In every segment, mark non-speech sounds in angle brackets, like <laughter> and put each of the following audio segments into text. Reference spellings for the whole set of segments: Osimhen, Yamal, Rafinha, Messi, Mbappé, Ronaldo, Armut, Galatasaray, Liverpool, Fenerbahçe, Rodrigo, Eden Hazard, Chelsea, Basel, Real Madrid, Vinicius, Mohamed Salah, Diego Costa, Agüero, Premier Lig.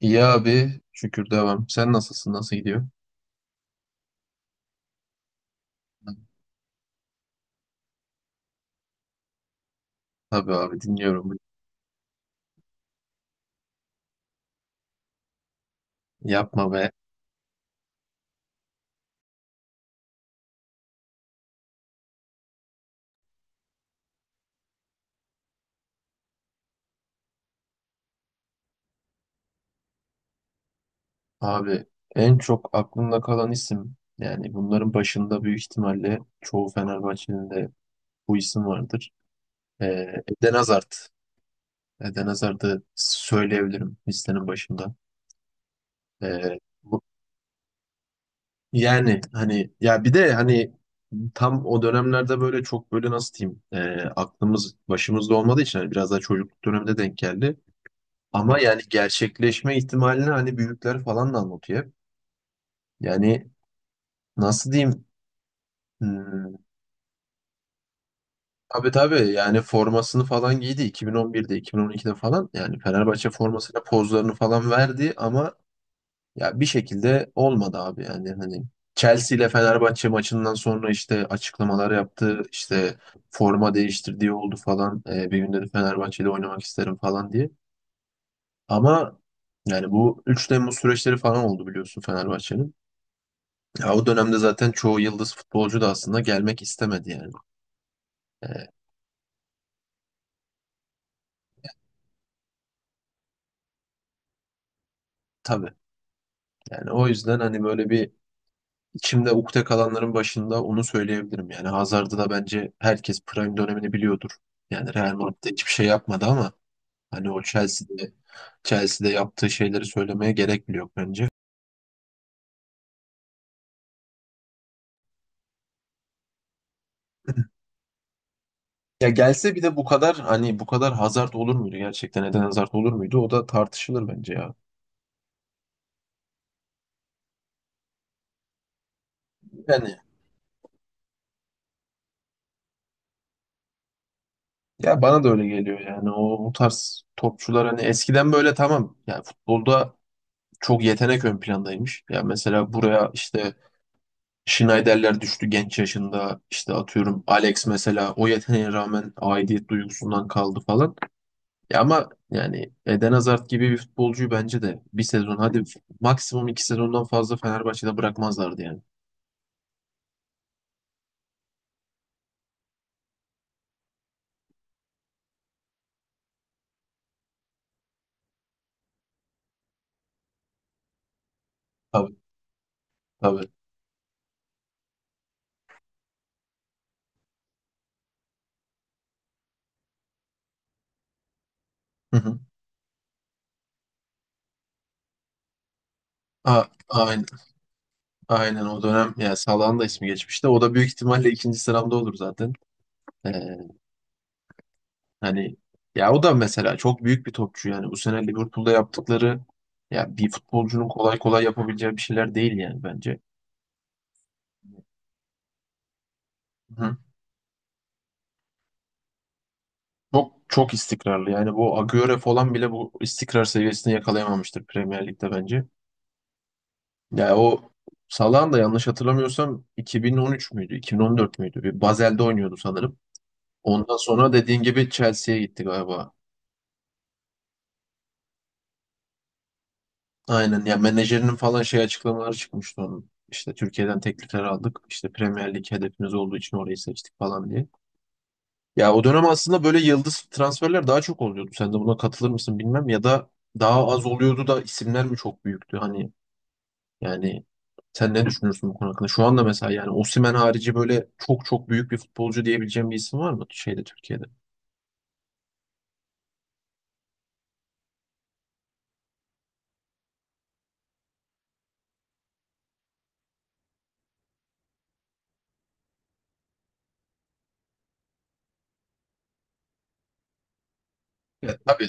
İyi abi. Şükür devam. Sen nasılsın? Nasıl gidiyor? Tabii abi dinliyorum. Yapma be. Abi en çok aklımda kalan isim yani bunların başında büyük ihtimalle çoğu Fenerbahçe'nin de bu isim vardır. Ee, Eden Hazard. Eden Hazard'ı söyleyebilirim listenin başında. Ee, bu, yani hani ya bir de hani tam o dönemlerde böyle çok böyle nasıl diyeyim aklımız başımızda olmadığı için hani biraz daha çocukluk döneminde denk geldi. Ama yani gerçekleşme ihtimalini hani büyükler falan da anlatıyor hep. Yani nasıl diyeyim? Hmm, tabii tabii yani formasını falan giydi 2011'de 2012'de falan yani Fenerbahçe formasıyla pozlarını falan verdi ama ya bir şekilde olmadı abi yani hani Chelsea ile Fenerbahçe maçından sonra işte açıklamalar yaptı işte forma değiştirdiği oldu falan. Bir gün dedi Fenerbahçe'de oynamak isterim falan diye ama yani bu 3 Temmuz süreçleri falan oldu biliyorsun Fenerbahçe'nin. Ya o dönemde zaten çoğu yıldız futbolcu da aslında gelmek istemedi yani. Ee, tabii. Yani o yüzden hani böyle bir içimde ukde kalanların başında onu söyleyebilirim. Yani Hazard'ı da bence herkes prime dönemini biliyordur. Yani Real Madrid'de hiçbir şey yapmadı ama hani o Chelsea'de yaptığı şeyleri söylemeye gerek bile yok bence. Ya gelse bir de bu kadar hani bu kadar Hazard olur muydu gerçekten? Eden Hazard olur muydu? O da tartışılır bence ya. Yani, ya bana da öyle geliyor yani o bu tarz topçular hani eskiden böyle tamam yani futbolda çok yetenek ön plandaymış. Ya mesela buraya işte Schneiderler düştü genç yaşında işte atıyorum Alex mesela o yeteneğe rağmen aidiyet duygusundan kaldı falan. Ya ama yani Eden Hazard gibi bir futbolcuyu bence de bir sezon hadi maksimum iki sezondan fazla Fenerbahçe'de bırakmazlardı yani. Tabii tabii. Hı hı. Aynen, aynen o dönem ya Salah'ın da ismi geçmişti. O da büyük ihtimalle ikinci sıramda olur zaten. Ee, hani ya o da mesela çok büyük bir topçu yani. Bu sene Liverpool'da yaptıkları ya bir futbolcunun kolay kolay yapabileceği bir şeyler değil yani bence. Hı. Çok çok istikrarlı. Yani bu Agüero falan bile bu istikrar seviyesini yakalayamamıştır Premier Lig'de bence. Ya o Salah'ın da yanlış hatırlamıyorsam 2013 müydü, 2014 müydü? Bir Basel'de oynuyordu sanırım. Ondan sonra dediğin gibi Chelsea'ye gitti galiba. Aynen ya menajerinin falan şey açıklamaları çıkmıştı onun. İşte Türkiye'den teklifler aldık. İşte Premier Lig hedefimiz olduğu için orayı seçtik falan diye. Ya o dönem aslında böyle yıldız transferler daha çok oluyordu. Sen de buna katılır mısın bilmem ya da daha az oluyordu da isimler mi çok büyüktü hani yani sen ne düşünürsün bu konu hakkında? Şu anda mesela yani Osimhen harici böyle çok çok büyük bir futbolcu diyebileceğim bir isim var mı şeyde Türkiye'de? Ya tabii.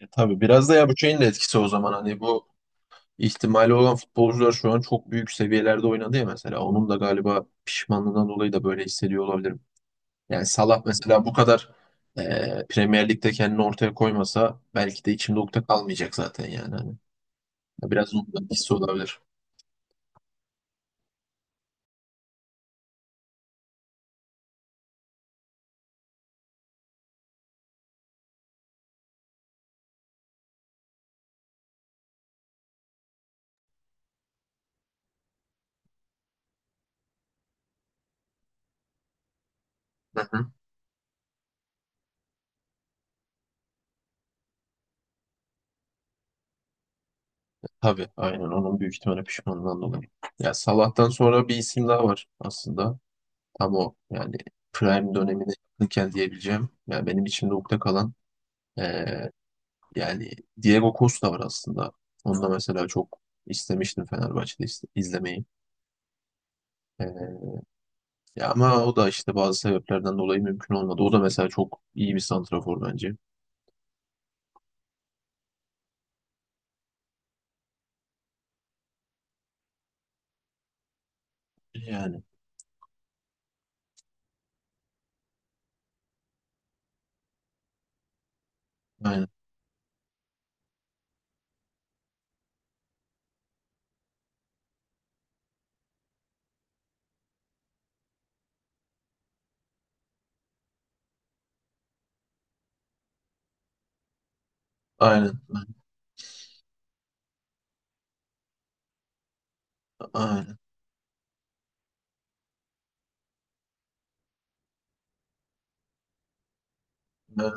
Ya, tabii biraz da ya bu şeyin de etkisi o zaman hani bu ihtimali olan futbolcular şu an çok büyük seviyelerde oynadı ya mesela. Onun da galiba pişmanlığından dolayı da böyle hissediyor olabilirim. Yani Salah mesela bu kadar Premier Lig'de kendini ortaya koymasa belki de içimde ukde kalmayacak zaten yani. Hani biraz ondan hissi olabilir. <laughs> Tabii aynen onun büyük ihtimalle pişmanlığından dolayı. Ya Salah'tan sonra bir isim daha var aslında. Tam o yani prime dönemine yakınken diyebileceğim. Yani benim içimde ukde kalan eee, yani Diego Costa var aslında. Onu da mesela çok istemiştim Fenerbahçe'de izlemeyi. Eee, ya ama o da işte bazı sebeplerden dolayı mümkün olmadı. O da mesela çok iyi bir santrafor bence. Yani aynen, aynen, aynen, aynen,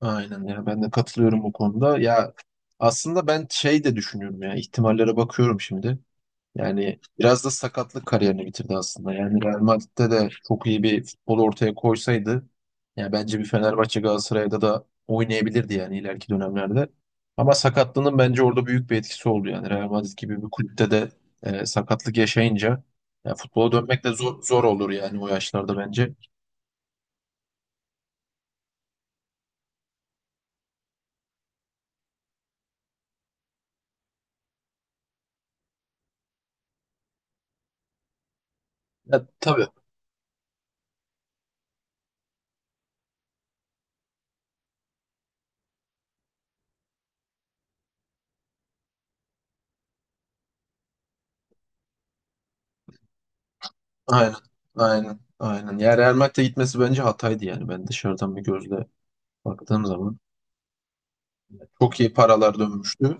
aynen, ya ben de katılıyorum bu konuda ya aslında ben şey de düşünüyorum ya ihtimallere bakıyorum şimdi yani biraz da sakatlık kariyerini bitirdi aslında yani Real Madrid'de de çok iyi bir futbol ortaya koysaydı ya bence bir Fenerbahçe Galatasaray'da da oynayabilirdi yani ileriki dönemlerde ama sakatlığının bence orada büyük bir etkisi oldu yani Real Madrid gibi bir kulüpte de sakatlık yaşayınca ya futbola dönmek de zor olur yani o yaşlarda bence. Ya, tabii. Aynen. Aynen. Aynen. Yani Real Madrid'e gitmesi bence hataydı yani. Ben dışarıdan bir gözle baktığım zaman çok iyi paralar dönmüştü.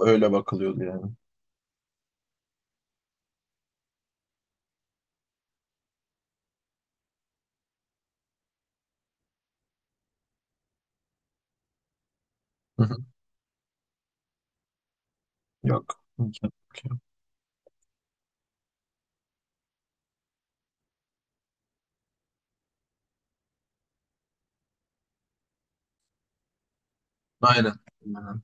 Öyle bakılıyordu yani. Hı hı. Yok. Yok, yok, ya. Aynen. Aynen.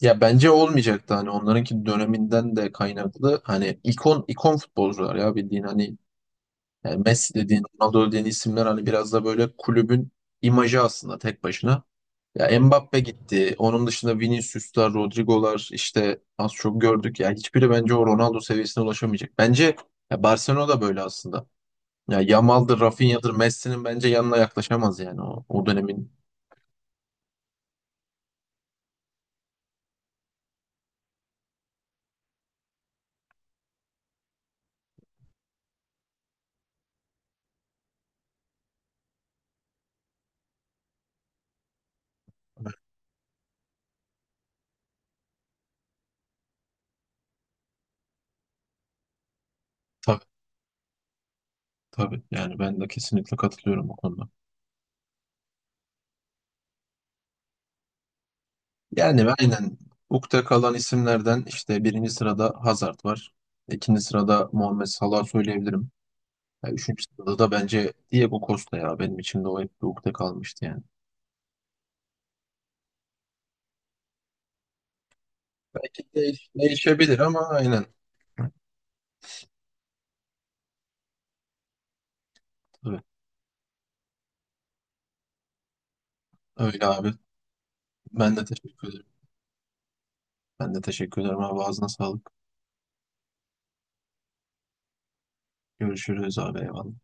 Ya bence olmayacaktı hani onlarınki döneminden de kaynaklı hani ikon ikon futbolcular ya bildiğin hani yani Messi dediğin Ronaldo dediğin isimler hani biraz da böyle kulübün imajı aslında tek başına. Ya Mbappe gitti. Onun dışında Vinicius'lar, Rodrigo'lar işte az çok gördük. Ya hiçbiri bence o Ronaldo seviyesine ulaşamayacak. Bence ya Barcelona da böyle aslında. Ya Yamal'dır, Rafinha'dır, Messi'nin bence yanına yaklaşamaz yani o dönemin. Tabii tabii. Yani ben de kesinlikle katılıyorum bu konuda. Yani aynen ukde kalan isimlerden işte birinci sırada Hazard var. İkinci sırada Muhammed Salah söyleyebilirim. Ya üçüncü sırada da bence Diego Costa ya benim içimde o hep bir ukde kalmıştı yani. Değişebilir ama aynen. Tabii. Öyle abi. Ben de teşekkür ederim. Ben de teşekkür ederim abi. Ağzına sağlık. Görüşürüz abi. Eyvallah.